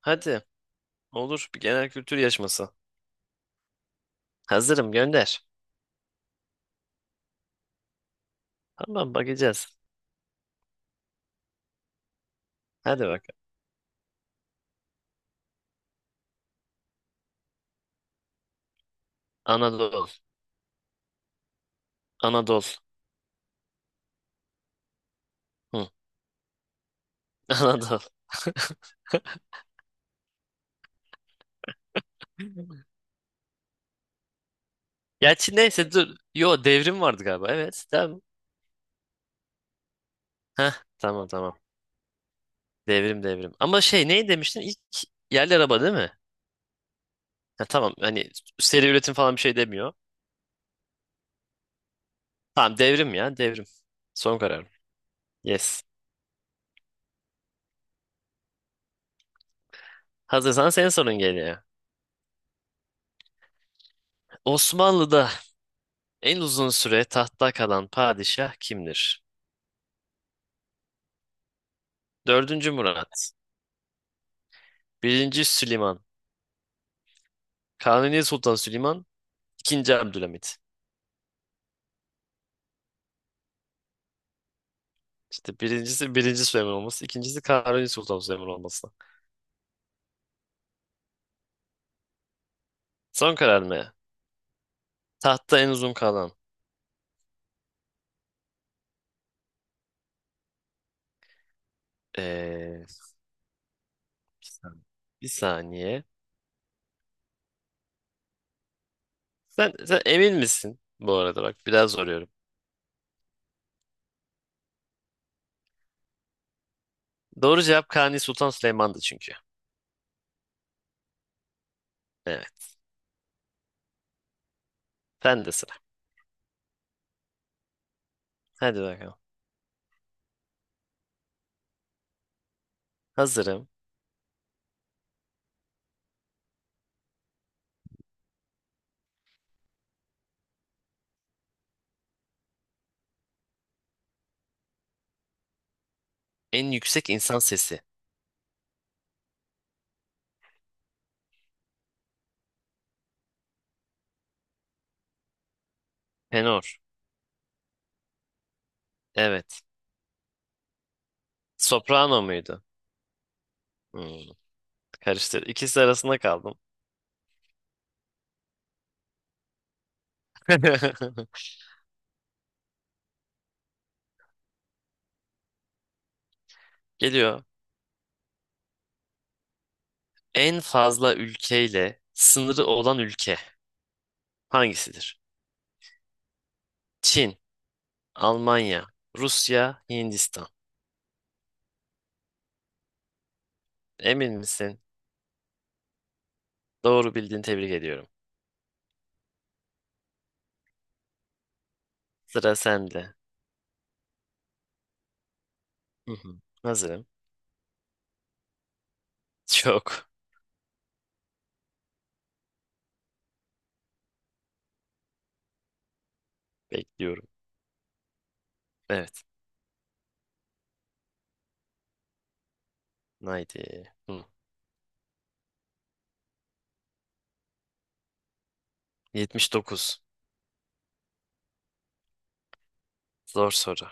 Hadi olur bir genel kültür yarışması. Hazırım gönder. Tamam bakacağız. Hadi bak. Anadolu. Anadolu. Hı. Anadolu. Gerçi neyse dur. Yo devrim vardı galiba. Evet tamam. Heh, tamam tamam. Devrim devrim. Ama şey ne demiştin? İlk yerli araba değil mi? Ha, tamam hani seri üretim falan bir şey demiyor. Tamam devrim ya devrim. Son kararım. Yes. Hazırsan senin sorun geliyor. Osmanlı'da en uzun süre tahtta kalan padişah kimdir? Dördüncü Murat. Birinci Süleyman. Kanuni Sultan Süleyman. İkinci Abdülhamit. İşte birincisi birinci Süleyman olması, ikincisi Kanuni Sultan Süleyman olması. Son karar mı? Tahtta en uzun kalan. Ee, Bir saniye. Bir saniye. Sen emin misin? Bu arada bak biraz soruyorum. Doğru cevap Kanuni Sultan Süleyman'dı çünkü. Evet. Sen de sıra. Hadi bakalım. Hazırım. En yüksek insan sesi. Tenor. Evet. Soprano muydu? Hmm, Karıştır. İkisi arasında kaldım. Geliyor. En fazla ülkeyle sınırı olan ülke hangisidir? Çin, Almanya, Rusya, Hindistan. Emin misin? Doğru bildiğini tebrik ediyorum. Sıra sende. Hı hı. Hazırım. Çok. Bekliyorum. Evet. Haydi. Hı. 79. Zor soru.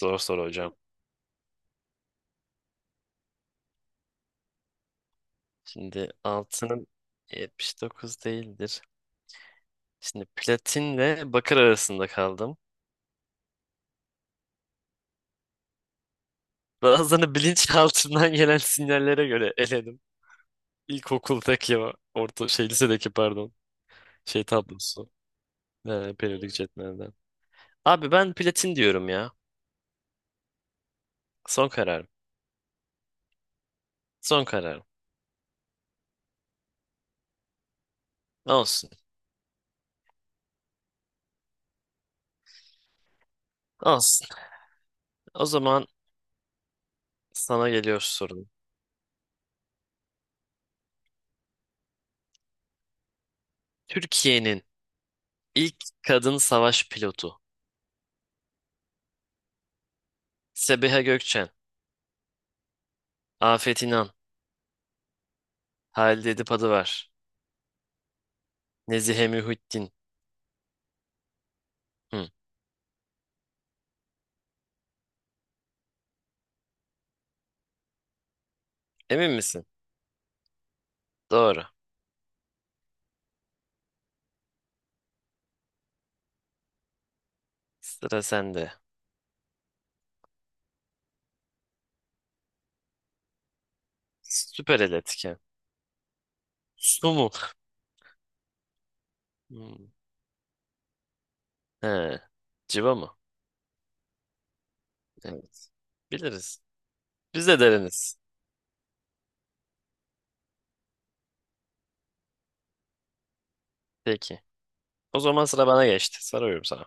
Zor soru hocam. Şimdi altının 79 değildir. Şimdi platinle bakır arasında kaldım. Bazılarını bilinçaltından gelen sinyallere göre eledim. İlkokuldaki o orta şey lisedeki pardon şey tablosu. Periyodik cetvelden. Abi ben platin diyorum ya. Son kararım. Son kararım. Olsun. Olsun. O zaman sana geliyor sorun. Türkiye'nin ilk kadın savaş pilotu. Sebiha Gökçen, Afet İnan, Halide Edip Adıvar, Nezihe Mühittin. Hı. Emin misin? Doğru. Sıra sende. Süper el etken. Su mu? Hı. He. Civa mı? Evet. Biliriz. Biz de deriniz. Peki. O zaman sıra bana geçti. Soruyorum sana.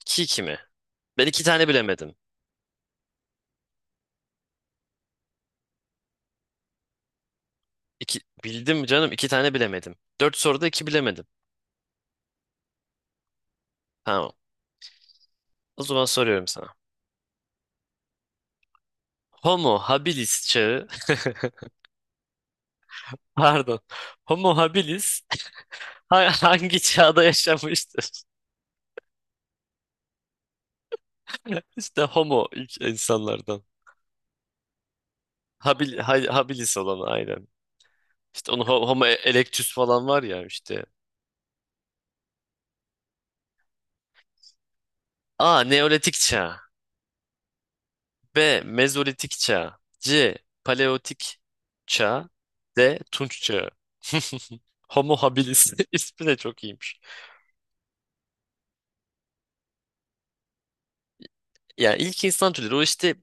İki 2 mi? Ben iki tane bilemedim. İki, bildim canım iki tane bilemedim. Dört soruda iki bilemedim. Tamam. O zaman soruyorum sana. Homo habilis çağı, pardon. Homo habilis hangi çağda yaşamıştır? İşte homo ilk insanlardan. Habil, habilis olan aynen. İşte onu homo erectus falan var ya işte. A. Neolitik çağı. B. Mezolitik çağ. C. Paleolitik çağ. D. Tunç çağı. Homo habilis ismi de çok iyiymiş. Yani ilk insan türleri o işte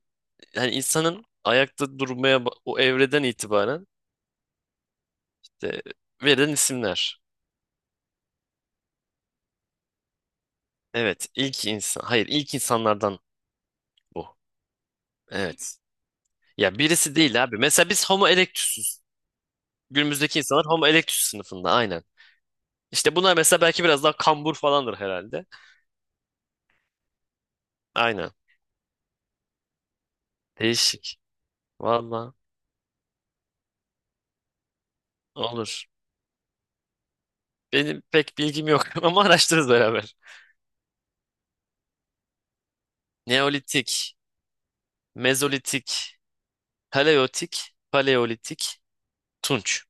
hani insanın ayakta durmaya o evreden itibaren işte verilen isimler. Evet ilk insan hayır ilk insanlardan bu. Evet. Ya birisi değil abi. Mesela biz Homo erectus'uz. Günümüzdeki insanlar Homo erectus sınıfında aynen. İşte bunlar mesela belki biraz daha kambur falandır herhalde. Aynen. Değişik. Valla. Olur. Benim pek bilgim yok ama araştırırız beraber. Neolitik, Mezolitik, Paleolitik, Paleolitik, Tunç.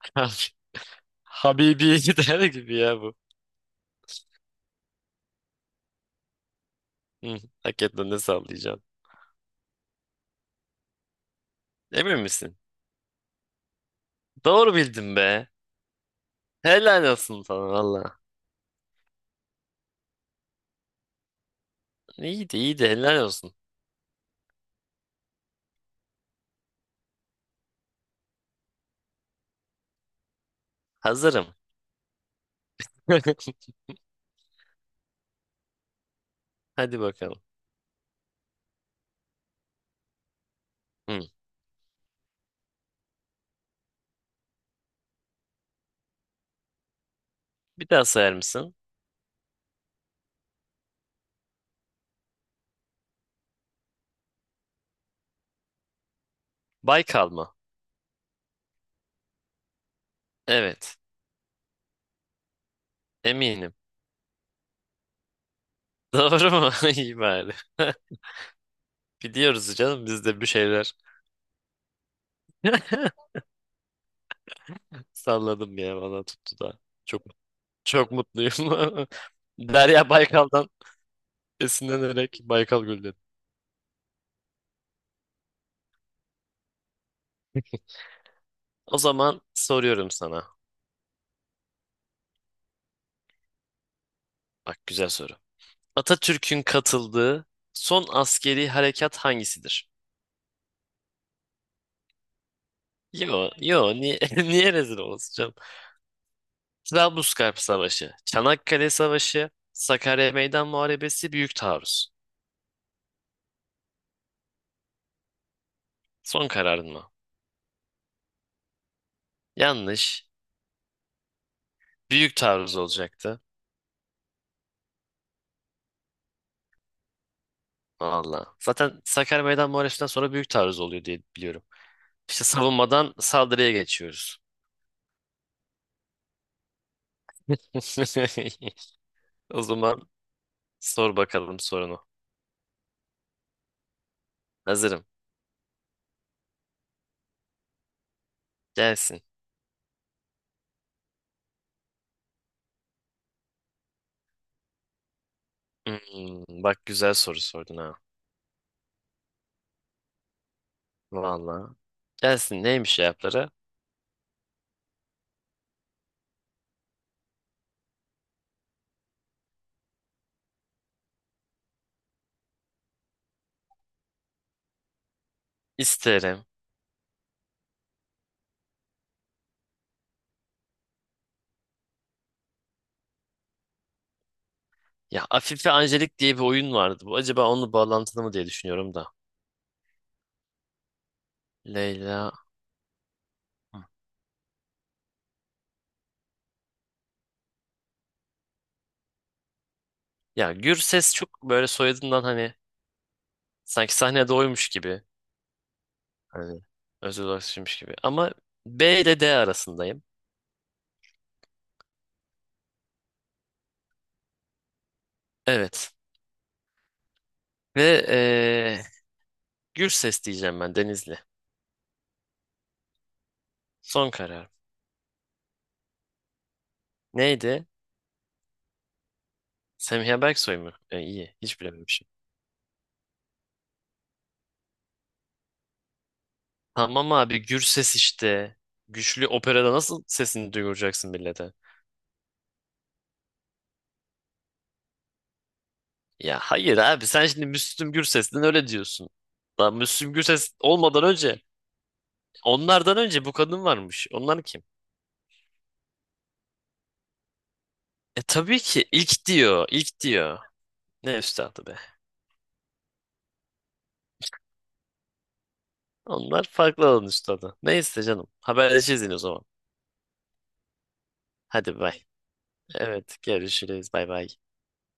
Abi, Habibi gider gibi ya bu. Hı, hakikaten ne sallayacaksın? Emin misin? Doğru bildim be. Helal olsun sana valla. İyiydi iyiydi helal olsun. Hazırım. Hadi bakalım. Hı. Bir daha sayar mısın? Baykal mı? Evet. Eminim. Doğru mu? İyi bari. Biliyoruz canım biz de bir şeyler. Salladım ya bana tuttu da. Çok çok mutluyum. Derya Baykal'dan esinlenerek Baykal Gölü dedim. O zaman soruyorum sana. Bak güzel soru. Atatürk'ün katıldığı son askeri harekat hangisidir? Yo, yo niye, niye rezil olacağım? Trablusgarp Savaşı, Çanakkale Savaşı, Sakarya Meydan Muharebesi, Büyük Taarruz. Son kararın mı? Yanlış. Büyük Taarruz olacaktı. Valla. Zaten Sakarya Meydan Muharebesi'nden sonra Büyük Taarruz oluyor diye biliyorum. İşte savunmadan saldırıya geçiyoruz. O zaman sor bakalım sorunu. Hazırım. Gelsin. Hmm, Bak güzel soru sordun ha. Valla. Gelsin neymiş cevapları? İsterim. Ya Afife Angelik diye bir oyun vardı. Bu acaba onunla bağlantılı mı diye düşünüyorum da. Leyla. Hı. Ya Gürses çok böyle soyadından hani sanki sahnede oymuş gibi. Hani özel olarak düşünmüş gibi. Ama B ile D arasındayım. Evet. Ve Gürses diyeceğim ben Denizli. Son karar. Neydi? Semiha Berksoy mu? E, iyi. Hiç bilememişim. Tamam abi Gürses işte. Güçlü operada nasıl sesini duyuracaksın millete? Ya hayır abi sen şimdi Müslüm Gürses'ten öyle diyorsun. Daha Müslüm Gürses olmadan önce onlardan önce bu kadın varmış. Onlar kim? E tabii ki ilk diyor. İlk diyor. Ne üstadı be. Onlar farklı alan üstadı. Neyse canım. Haberleşiriz yine o zaman. Hadi bay. Evet görüşürüz. Bay bay.